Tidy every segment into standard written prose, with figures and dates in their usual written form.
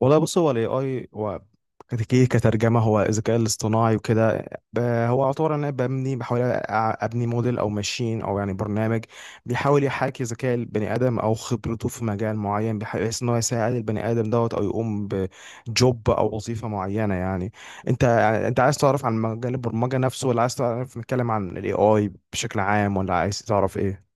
والله بص، هو الاي اي هو كترجمه هو الذكاء الاصطناعي وكده. هو عباره ان انا ببني، بحاول ابني موديل او ماشين او يعني برنامج بيحاول يحاكي ذكاء البني ادم او خبرته في مجال معين، بحيث ان هو يساعد البني ادم دوت، او يقوم بجوب او وظيفه معينه يعني. انت انت عايز تعرف عن مجال البرمجه نفسه، ولا عايز تعرف نتكلم عن الاي اي بشكل عام، ولا عايز تعرف ايه؟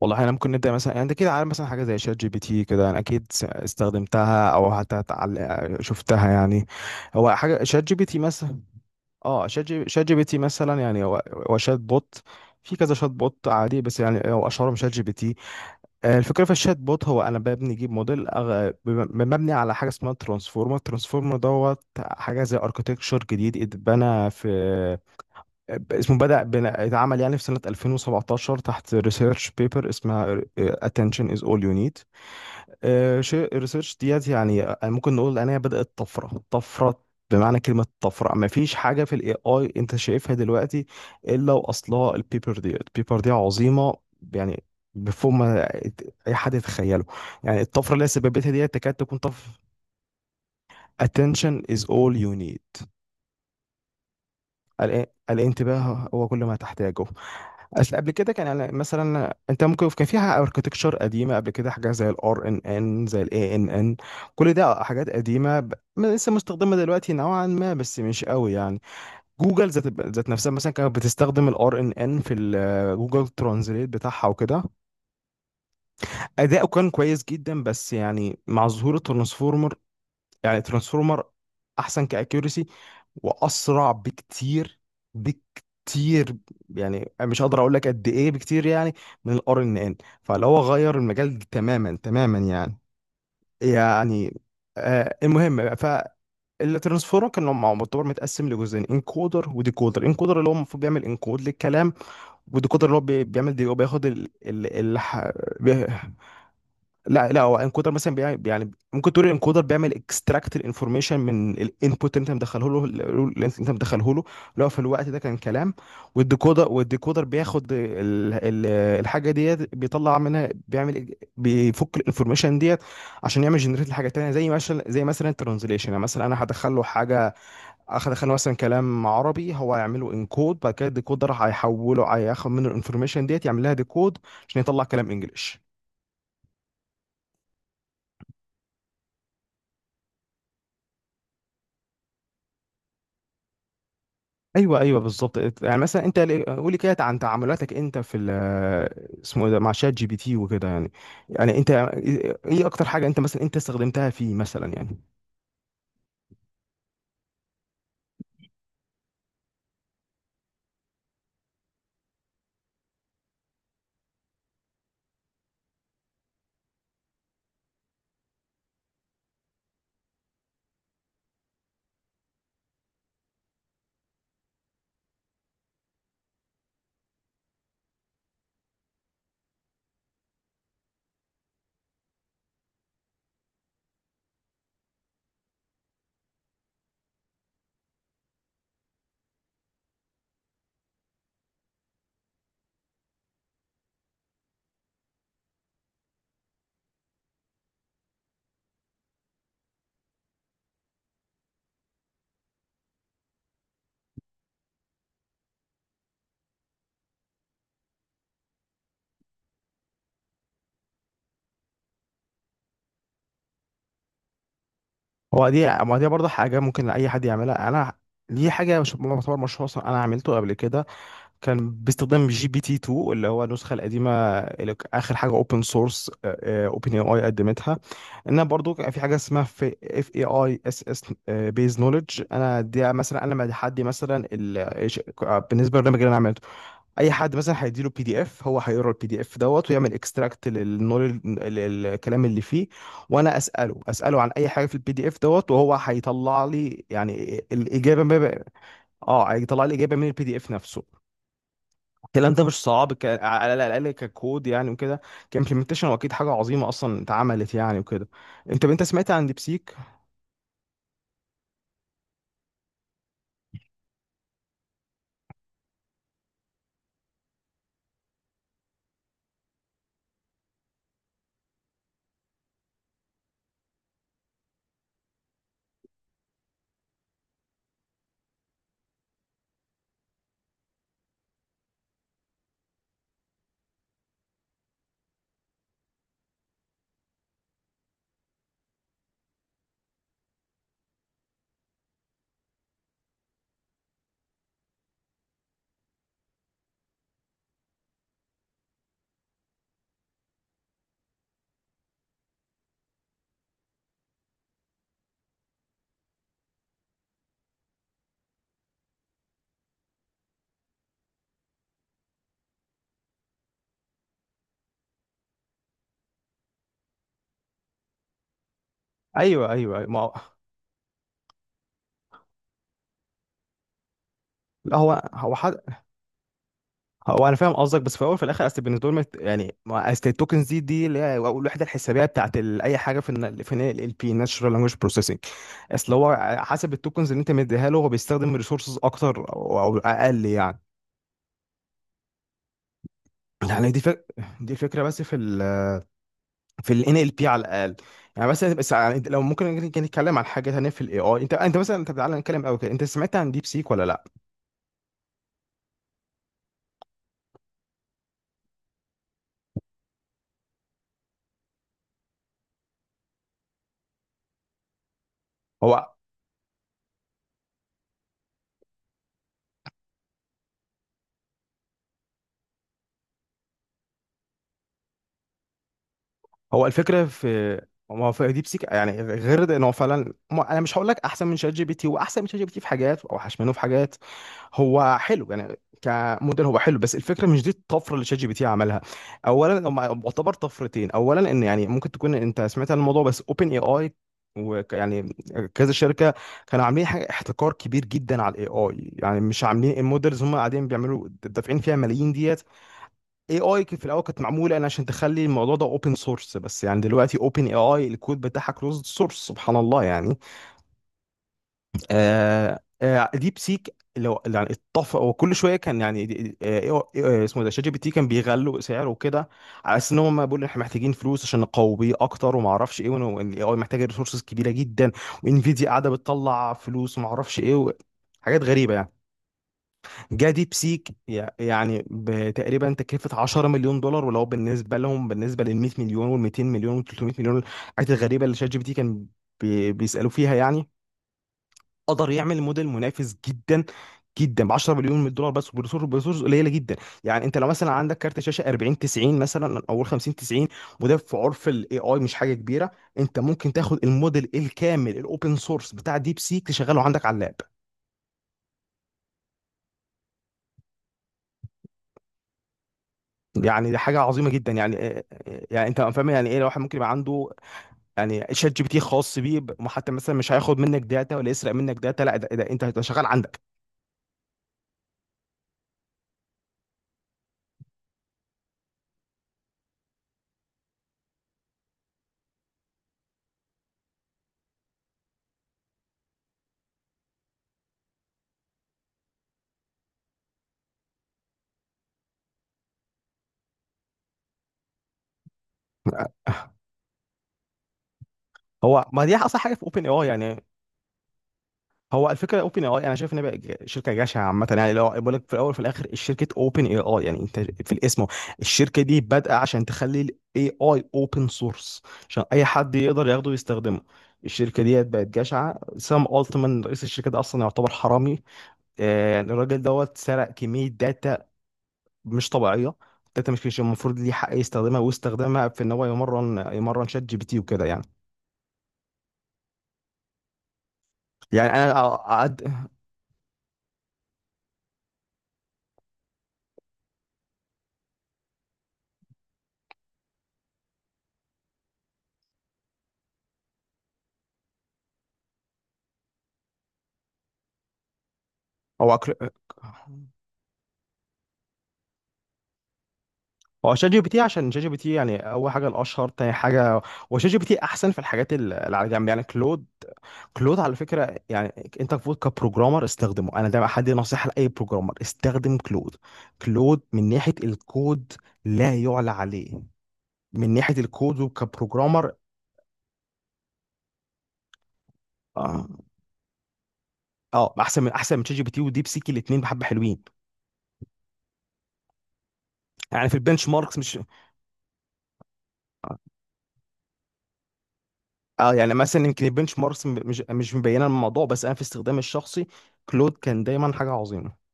والله احنا ممكن نبدا مثلا، يعني انت كده عارف مثلا حاجه زي شات جي بي تي كده، انا اكيد استخدمتها او حتى شفتها يعني. هو حاجه شات جي بي تي مثلا. اه، شات جي بي تي مثلا، يعني هو شات بوت. في كذا شات بوت عادي، بس يعني هو اشهرهم شات جي بي تي. الفكره في الشات بوت، هو انا ببني اجيب موديل مبني على حاجه اسمها ترانسفورمر. ترانسفورمر دوت حاجه زي اركتكتشر جديد اتبنى في، اسمه اتعمل يعني في سنة 2017 تحت ريسيرش بيبر اسمها Attention is all you need. شيء الريسيرش ديت، يعني ممكن نقول ان هي بدأت طفرة. بمعنى كلمة طفرة، ما فيش حاجة في الاي اي انت شايفها دلوقتي الا واصلها البيبر دي. البيبر دي عظيمة يعني، بفوق ما اي حد يتخيله يعني. الطفرة اللي هي سببتها ديت تكاد تكون طفرة. Attention is all you need. الانتباه هو كل ما تحتاجه. اصل قبل كده كان يعني مثلا انت ممكن كان فيها اركتكتشر قديمه قبل كده، حاجه زي الار ان ان، زي الاي ان ان. كل ده حاجات قديمه، ما لسه مستخدمه دلوقتي نوعا ما، بس مش قوي يعني. جوجل ذات نفسها مثلا كانت بتستخدم الار ان ان في ال جوجل ترانزليت بتاعها وكده. اداؤه كان كويس جدا، بس يعني مع ظهور الترانسفورمر. يعني ترانسفورمر احسن كاكيورسي، واسرع بكتير يعني. مش هقدر اقول لك قد ايه بكتير يعني من الار ان ان. فلو هو غير المجال تماما يعني. يعني المهم. فالترانسفورم كان معتبر متقسم لجزئين، انكودر وديكودر. انكودر اللي هو المفروض بيعمل انكود للكلام، وديكودر اللي هو بيعمل دي، هو بياخد ال... لا لا، هو انكودر مثلا بيعمل، يعني ممكن تقول الانكودر بيعمل اكستراكت الانفورميشن من الانبوت اللي انت مدخله له، لو في الوقت ده كان كلام. والديكودر بياخد ال الحاجه ديت، بيطلع منها، بيعمل بيفك الانفورميشن ديت عشان يعمل جنريت لحاجه تانيه، زي مثلا الترانزليشن. يعني مثلا انا هدخل له حاجه، هدخل له مثلا كلام عربي، هو هيعمله انكود، بعد كده الديكودر هيحوله، هياخد منه الانفورميشن ديت، يعمل لها ديكود عشان يطلع كلام انجلش. ايوه، ايوه، بالظبط. يعني مثلا انت قولي كده عن تعاملاتك انت في اسمه إيه ده، مع شات جي بي تي وكده يعني. يعني انت ايه اكتر حاجه انت مثلا انت استخدمتها فيه مثلا يعني؟ هو دي، ما دي برضه حاجه ممكن اي حد يعملها، انا دي حاجه مش يعتبر مشروع اصلا، انا عملته قبل كده. كان باستخدام جي بي تي 2، اللي هو النسخه القديمه. اخر حاجه اوبن سورس اوبن اي اي قدمتها، انها برضو كان في حاجه اسمها في اف اي اي اس اس بيز نولج. انا دي مثلا انا مع حد مثلا بالنسبه للبرنامج اللي انا عملته، اي حد مثلا هيديله بي دي اف، هو هيقرا البي دي اف دوت، ويعمل اكستراكت للنولج الكلام اللي فيه. وانا اساله عن اي حاجه في البي دي اف دوت، وهو هيطلع لي يعني الاجابه. ما ب- اه، هيطلع لي اجابه من البي دي اف نفسه. الكلام ده مش صعب، على الاقل ككود يعني وكده، كامبلمنتيشن، واكيد حاجه عظيمه اصلا اتعملت يعني وكده. انت سمعت عن ديبسيك؟ ايوه، ايوه، أيوة. ما هو، لا هو هو حد هو انا فاهم قصدك، بس في الاول وفي الاخر، اصل بالنسبه لهم اصل التوكنز دي اللي هي الوحده الحسابيه بتاعت اي حاجه في ال، في ال بي ناتشرال لانجويج بروسيسنج. اصل هو حسب التوكنز اللي انت مديها له، هو بيستخدم ريسورسز اكتر او اقل يعني. يعني دي فكره، بس في ال، في ال NLP على الاقل. يعني مثلا، بس يعني انت لو ممكن نتكلم عن حاجه تانيه في الاي اي. انت تعالى نتكلم قوي كده. انت سمعت عن ديب سيك ولا لا؟ هو هو الفكره في ما هو في ديب سيك يعني غير ده، ان هو فعلا انا مش هقول لك احسن من شات جي بي تي، هو احسن من شات جي بي تي في حاجات، واوحش منه في حاجات. هو حلو يعني، كموديل هو حلو، بس الفكره مش دي الطفره اللي شات جي بي تي عملها. اولا، هم يعتبر طفرتين. اولا ان يعني ممكن تكون انت سمعت عن الموضوع، بس اوبن اي اي ويعني كذا شركه كانوا عاملين حاجه احتكار كبير جدا على الاي اي، يعني مش عاملين المودلز، هم قاعدين بيعملوا دافعين فيها ملايين ديت. اي اي في الاول كانت معموله انا عشان تخلي الموضوع ده اوبن سورس، بس يعني دلوقتي اوبن اي اي الكود بتاعها كلوزد سورس، سبحان الله يعني. ديب سيك لو يعني اتفق، وكل شويه كان يعني دي- آه إيه، إيه، آه اسمه ده شات جي بي تي كان بيغلوا سعره وكده، على اساس ان هم بيقولوا احنا محتاجين فلوس عشان نقوي بيه اكتر وما اعرفش ايه، والاي اي محتاجه ريسورسز كبيره جدا، وانفيديا قاعده بتطلع فلوس وما اعرفش ايه حاجات غريبه يعني. جه ديب سيك يعني بتقريبا تكلفة 10 مليون دولار، ولو بالنسبة لهم بالنسبة لل 100 مليون وال 200 مليون وال 300 مليون، الحاجات الغريبة اللي شات جي بي تي كان بيسألوا فيها يعني، قدر يعمل موديل منافس جدا ب 10 مليون من الدولار بس، وبريسورس قليله جدا. يعني انت لو مثلا عندك كارت شاشه 40 90 مثلا، او 50 90، وده في عرف الاي اي مش حاجه كبيره. انت ممكن تاخد الموديل الكامل الاوبن سورس بتاع ديب سيك، تشغله عندك على اللاب. يعني دي حاجه عظيمه جدا يعني. يعني انت فاهم يعني ايه الواحد ممكن يبقى عنده. يعني شات جي بي تي خاص بيه، وحتى مثلا مش هياخد منك داتا ولا يسرق منك داتا، لا ده، انت ده شغال عندك. هو، ما دي اصلا حاجه في اوبن اي اي يعني. هو الفكره اوبن اي اي، انا شايف ان بقى شركه جشعه عامه يعني، لو بقول لك. في الاول وفي الاخر، الشركه اوبن اي اي يعني انت في الاسم. الشركه دي بادئه عشان تخلي الاي اي اوبن سورس، عشان اي حد يقدر ياخده ويستخدمه. الشركه دي بقت جشعه. سام التمان، رئيس الشركه ده، اصلا يعتبر حرامي. يعني الراجل دوت سرق كمية داتا مش طبيعية، داتا مش المفروض ليه حق يستخدمها، واستخدامها في ان هو يمرن شات جي بي تي وكده يعني. يعني انا أقعد او أكر... هو شات جي بي تي، عشان شات جي بي تي يعني اول حاجه الاشهر، تاني حاجه هو شات جي بي تي احسن في الحاجات اللي على جنب. يعني كلود، كلود على فكره، يعني انت المفروض كبروجرامر استخدمه. انا ده حد نصيحه لاي بروجرامر: استخدم كلود. كلود من ناحيه الكود لا يعلى عليه، من ناحيه الكود وكبروجرامر. اه، اه، احسن من شات جي بي تي وديب سيك. الاثنين بحبه حلوين يعني. في البنش ماركس مش، اه، يعني مثلا يمكن البنش ماركس مش مبينه الموضوع، بس انا في استخدامي الشخصي كلود كان دايما حاجه عظيمه.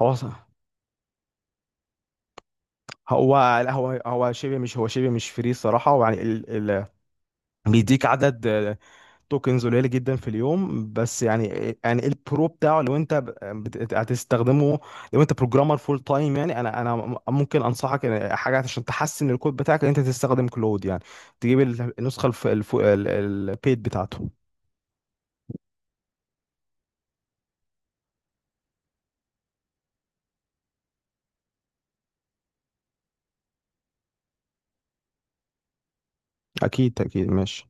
هو هو لا، هو هو شبه مش، فري صراحه. ويعني بيديك عدد توكنز قليله جدا في اليوم بس يعني. يعني البرو بتاعه لو انت هتستخدمه، لو انت بروجرامر فول تايم يعني، انا ممكن انصحك ان حاجه عشان تحسن الكود بتاعك ان انت تستخدم كلود يعني، تجيب النسخه البيد بتاعته. اكيد اكيد ماشي.